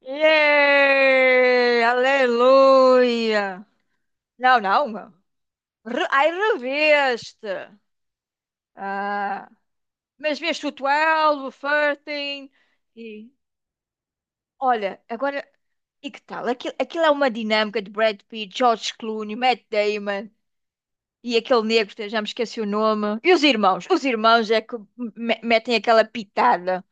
Yay! Aleluia! Não, não. Ai, reveste. Ah, mas veste o 12, o 13 e... Olha, agora... E que tal? Aquilo é uma dinâmica de Brad Pitt, George Clooney, Matt Damon e aquele negro, que já me esqueci o nome. E os irmãos? Os irmãos metem aquela pitada.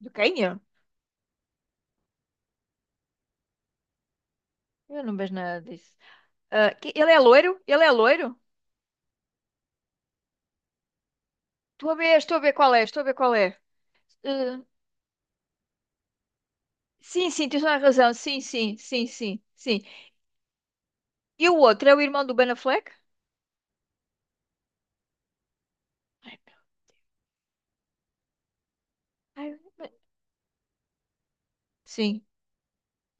De quem é? Eu não vejo nada disso. Ah, ele é loiro? Ele é loiro? Estou a ver qual é, estou a ver qual é. Eh, sim, sim, tens toda a razão. Sim, sim, sim, sim, sim. E o outro é o irmão do Ben Affleck? Ai, meu- ai, mas- Sim.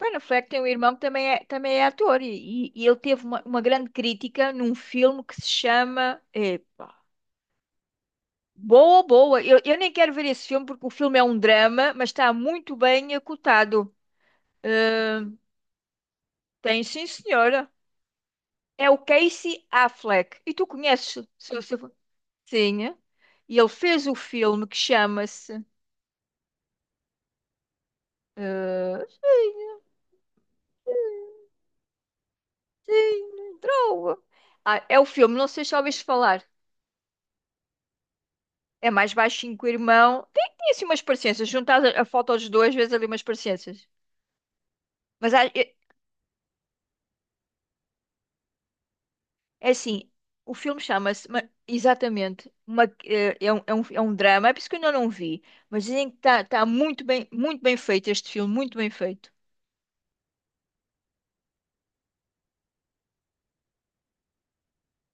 Ben Affleck tem um irmão que também é ator e ele teve uma grande crítica num filme que se chama epá. Boa, boa. Eu nem quero ver esse filme porque o filme é um drama, mas está muito bem acotado. Eh, tem sim, senhora. É o Casey Affleck. E tu conheces, se, sim. E ele fez o filme que chama-se. eh, sim, droga. Ah, é o filme, não sei se já ouviste falar. É mais baixinho que o irmão. Tem assim umas parecenças. Juntar a foto dos dois, vezes ali umas parecenças. Mas há- é, é assim: o filme chama-se exatamente. Uma, eh, é, um, é, um, é um drama. É por isso que eu ainda não vi. Mas dizem que está muito bem feito este filme, muito bem feito.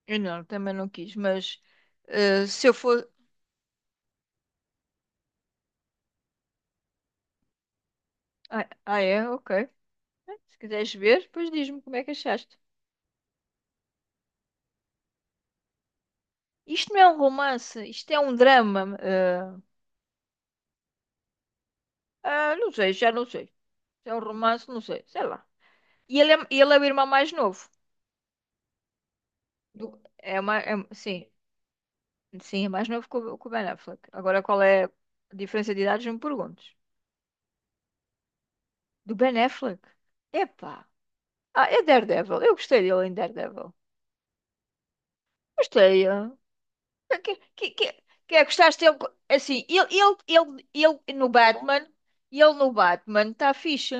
Eu não, também não quis. Mas se eu for. Ah, ah, é? Ok. Se quiseres ver, depois diz-me como é que achaste. Isto não é um romance, isto é um drama. Ah, ah, não sei, já não sei. Se é um romance, não sei, sei lá. E ele é o irmão mais novo. Sim, sim, é mais novo que que o Ben Affleck. Agora, qual é a diferença de idades? Não me perguntes. Do Ben Affleck? Epá. Ah, é Daredevil. Eu gostei dele em Daredevil. Gostei. Ah. Que, que, que, que é, gostaste dele? Assim, ele no Batman, ele no Batman está fixe.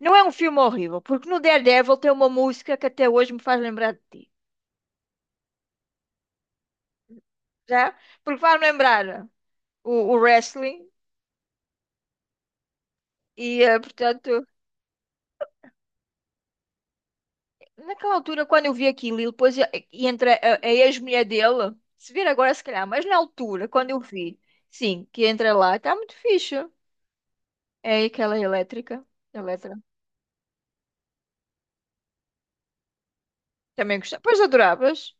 Não é um filme horrível, porque no Daredevil tem uma música que até hoje me faz lembrar de ti. Já? Porque faz-me lembrar o wrestling portanto, naquela altura, quando eu vi aquilo e depois e entra a ex-mulher dele, se vir agora, se calhar, mas na altura, quando eu vi, sim, que entra lá, está muito fixe. É aquela elétrica, elétrica. Também gostava. Pois adoravas.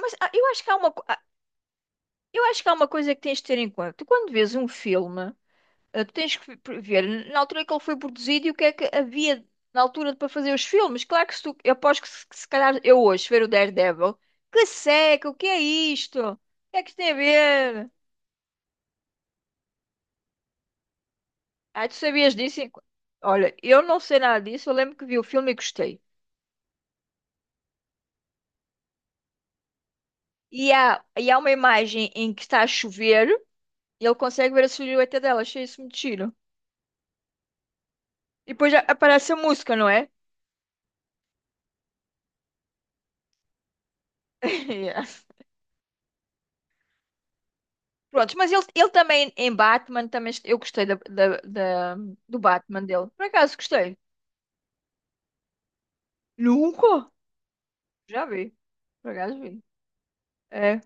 Mas ah, eu acho que há uma, co- ah, eu acho que há uma coisa que tens de ter em conta. Tu, quando vês um filme, ah, tu tens que ver na altura em que ele foi produzido e o que é que havia na altura para fazer os filmes. Claro que se tu, eu aposto que se calhar eu hoje ver o Daredevil, que seca, o que é isto? O que é que isto tem a ver? Ah, tu sabias disso? Olha, eu não sei nada disso, eu lembro que vi o filme e gostei. E há uma imagem em que está a chover e ele consegue ver a silhueta dela, achei isso muito giro. E depois já aparece a música, não é? Yeah. Prontos, mas ele também em Batman, eu gostei do Batman dele. Por acaso gostei? Nunca? Já vi. Por acaso vi. É.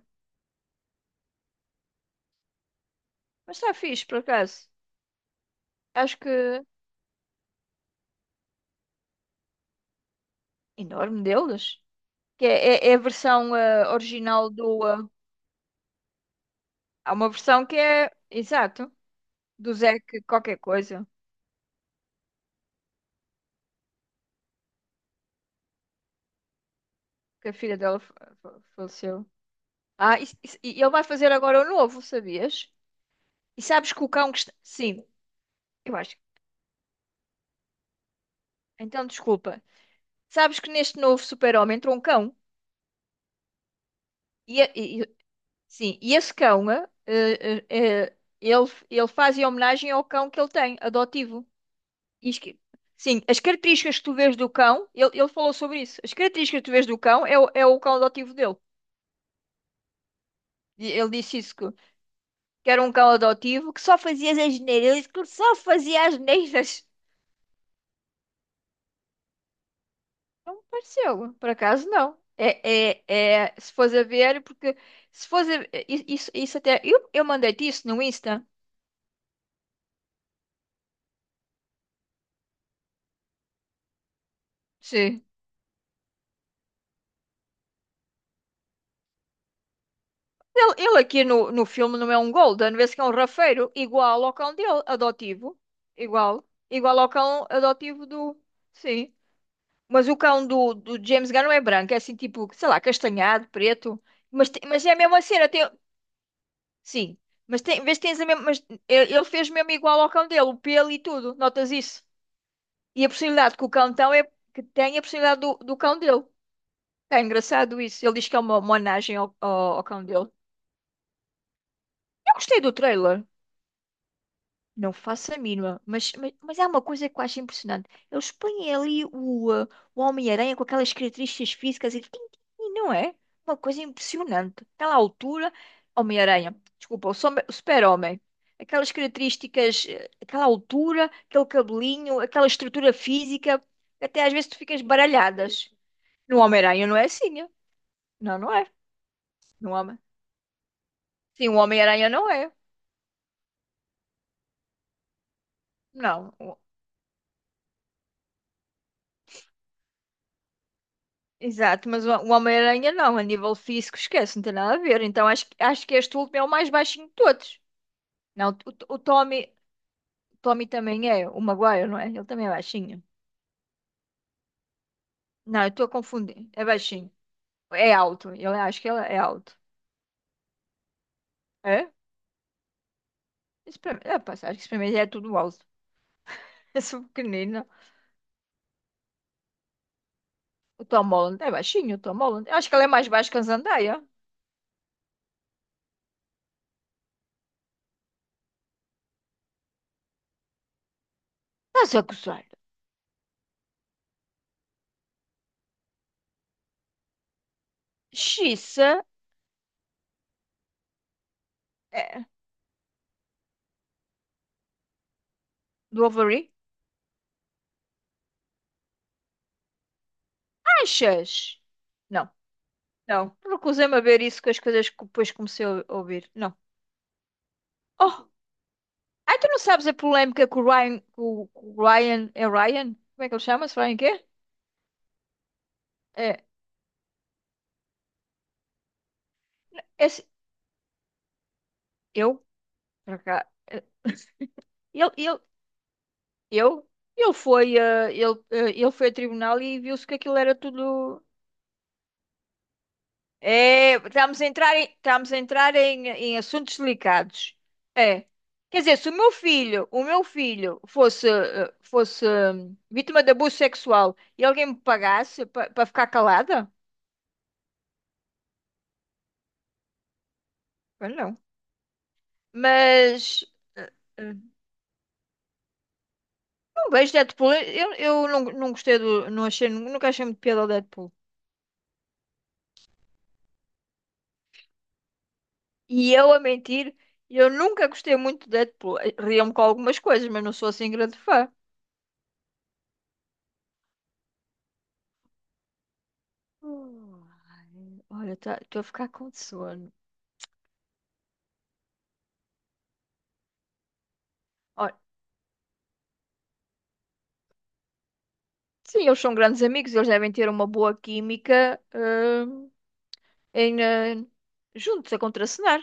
Mas está fixe, por acaso. Acho que enorme deles. É a versão original do. Há uma versão que é. Exato. Do Zack qualquer coisa. Que a filha dela faleceu. Ah, e ele vai fazer agora o novo, sabias? E sabes que o cão que está. Sim, eu acho. Então, desculpa. Sabes que neste novo super-homem entrou um cão. E, a- e- e- sim, e esse cão, ele faz em homenagem ao cão que ele tem, adotivo. E esque- sim, as características que tu vês do cão, ele falou sobre isso. As características que tu vês do cão é, é o cão adotivo dele. E ele disse isso, que era um cão adotivo que só fazia as asneiras. Ele disse que só fazia as asneiras. Não me pareceu, por acaso não. É, se fores a ver, porque se fores a, isso até. Eu mandei-te isso no Insta. Sim. Ele aqui no filme não é um Golden, vê-se que é um rafeiro igual ao cão dele, adotivo. Igual. Igual ao cão adotivo do. Sim. Mas o cão do James Gunn não é branco, é assim tipo, sei lá, castanhado, preto. Mas é a mesma cena. Tem, sim. Mas tem, vês que tens a mesma. Mas ele fez mesmo igual ao cão dele, o pelo e tudo. Notas isso? E a possibilidade que o cão tem é que tem a possibilidade do cão dele. É engraçado isso. Ele diz que é uma homenagem ao cão dele. Eu gostei do trailer. Não faço a mínima, mas há uma coisa que eu acho impressionante. Eles põem ali o Homem-Aranha com aquelas características físicas e, tim, tim, tim, não é? Uma coisa impressionante. Aquela altura, Homem-Aranha, desculpa, o Super-Homem. Aquelas características, aquela altura, aquele cabelinho, aquela estrutura física, até às vezes tu ficas baralhadas. No Homem-Aranha não é assim, é? Não, não é. No Homem... Sim, o Homem-Aranha não é. Não. Exato, mas o Homem-Aranha não, a nível físico, esquece, não tem nada a ver. Então acho que este último é o mais baixinho de todos. Não, o Tommy, Tommy também é, o Maguire, não é? Ele também é baixinho. Não, eu estou a confundir. É baixinho. É alto. Eu acho que ele é alto. É? Isso para mim, é, pá, acho que isso para mim já é tudo alto. Eu sou pequenina. O Tom Holland é baixinho, o Tom Holland. Eu acho que ele é mais baixo que a Zendaya. Estás a gozar? Xiça é, do Overy? Achas? Não. Não, recusei-me a ver isso com as coisas que depois comecei a ouvir. Não. Oh, ai, tu não sabes a polémica com o Ryan. Com o Ryan. É Ryan? Como é que ele chama-se? Ryan quê? É. Esse, eu? Para cá. Ele, ele, eu? Ele foi, ele foi a tribunal e viu-se que aquilo era tudo. É, estamos a entrar em, estamos a entrar em, em assuntos delicados. É. Quer dizer, se o meu filho, o meu filho fosse, fosse vítima de abuso sexual e alguém me pagasse para ficar calada, eu não. Mas eh, eh, não vejo Deadpool. Eu não, não gostei do, não achei, nunca achei muito piada ao Deadpool. E eu a mentir, eu nunca gostei muito de Deadpool. Riam-me com algumas coisas, mas não sou assim grande fã. Ai, olha, estou a ficar com sono. Olha, sim, eles são grandes amigos, eles devem ter uma boa química, em, eh, juntos a contracenar,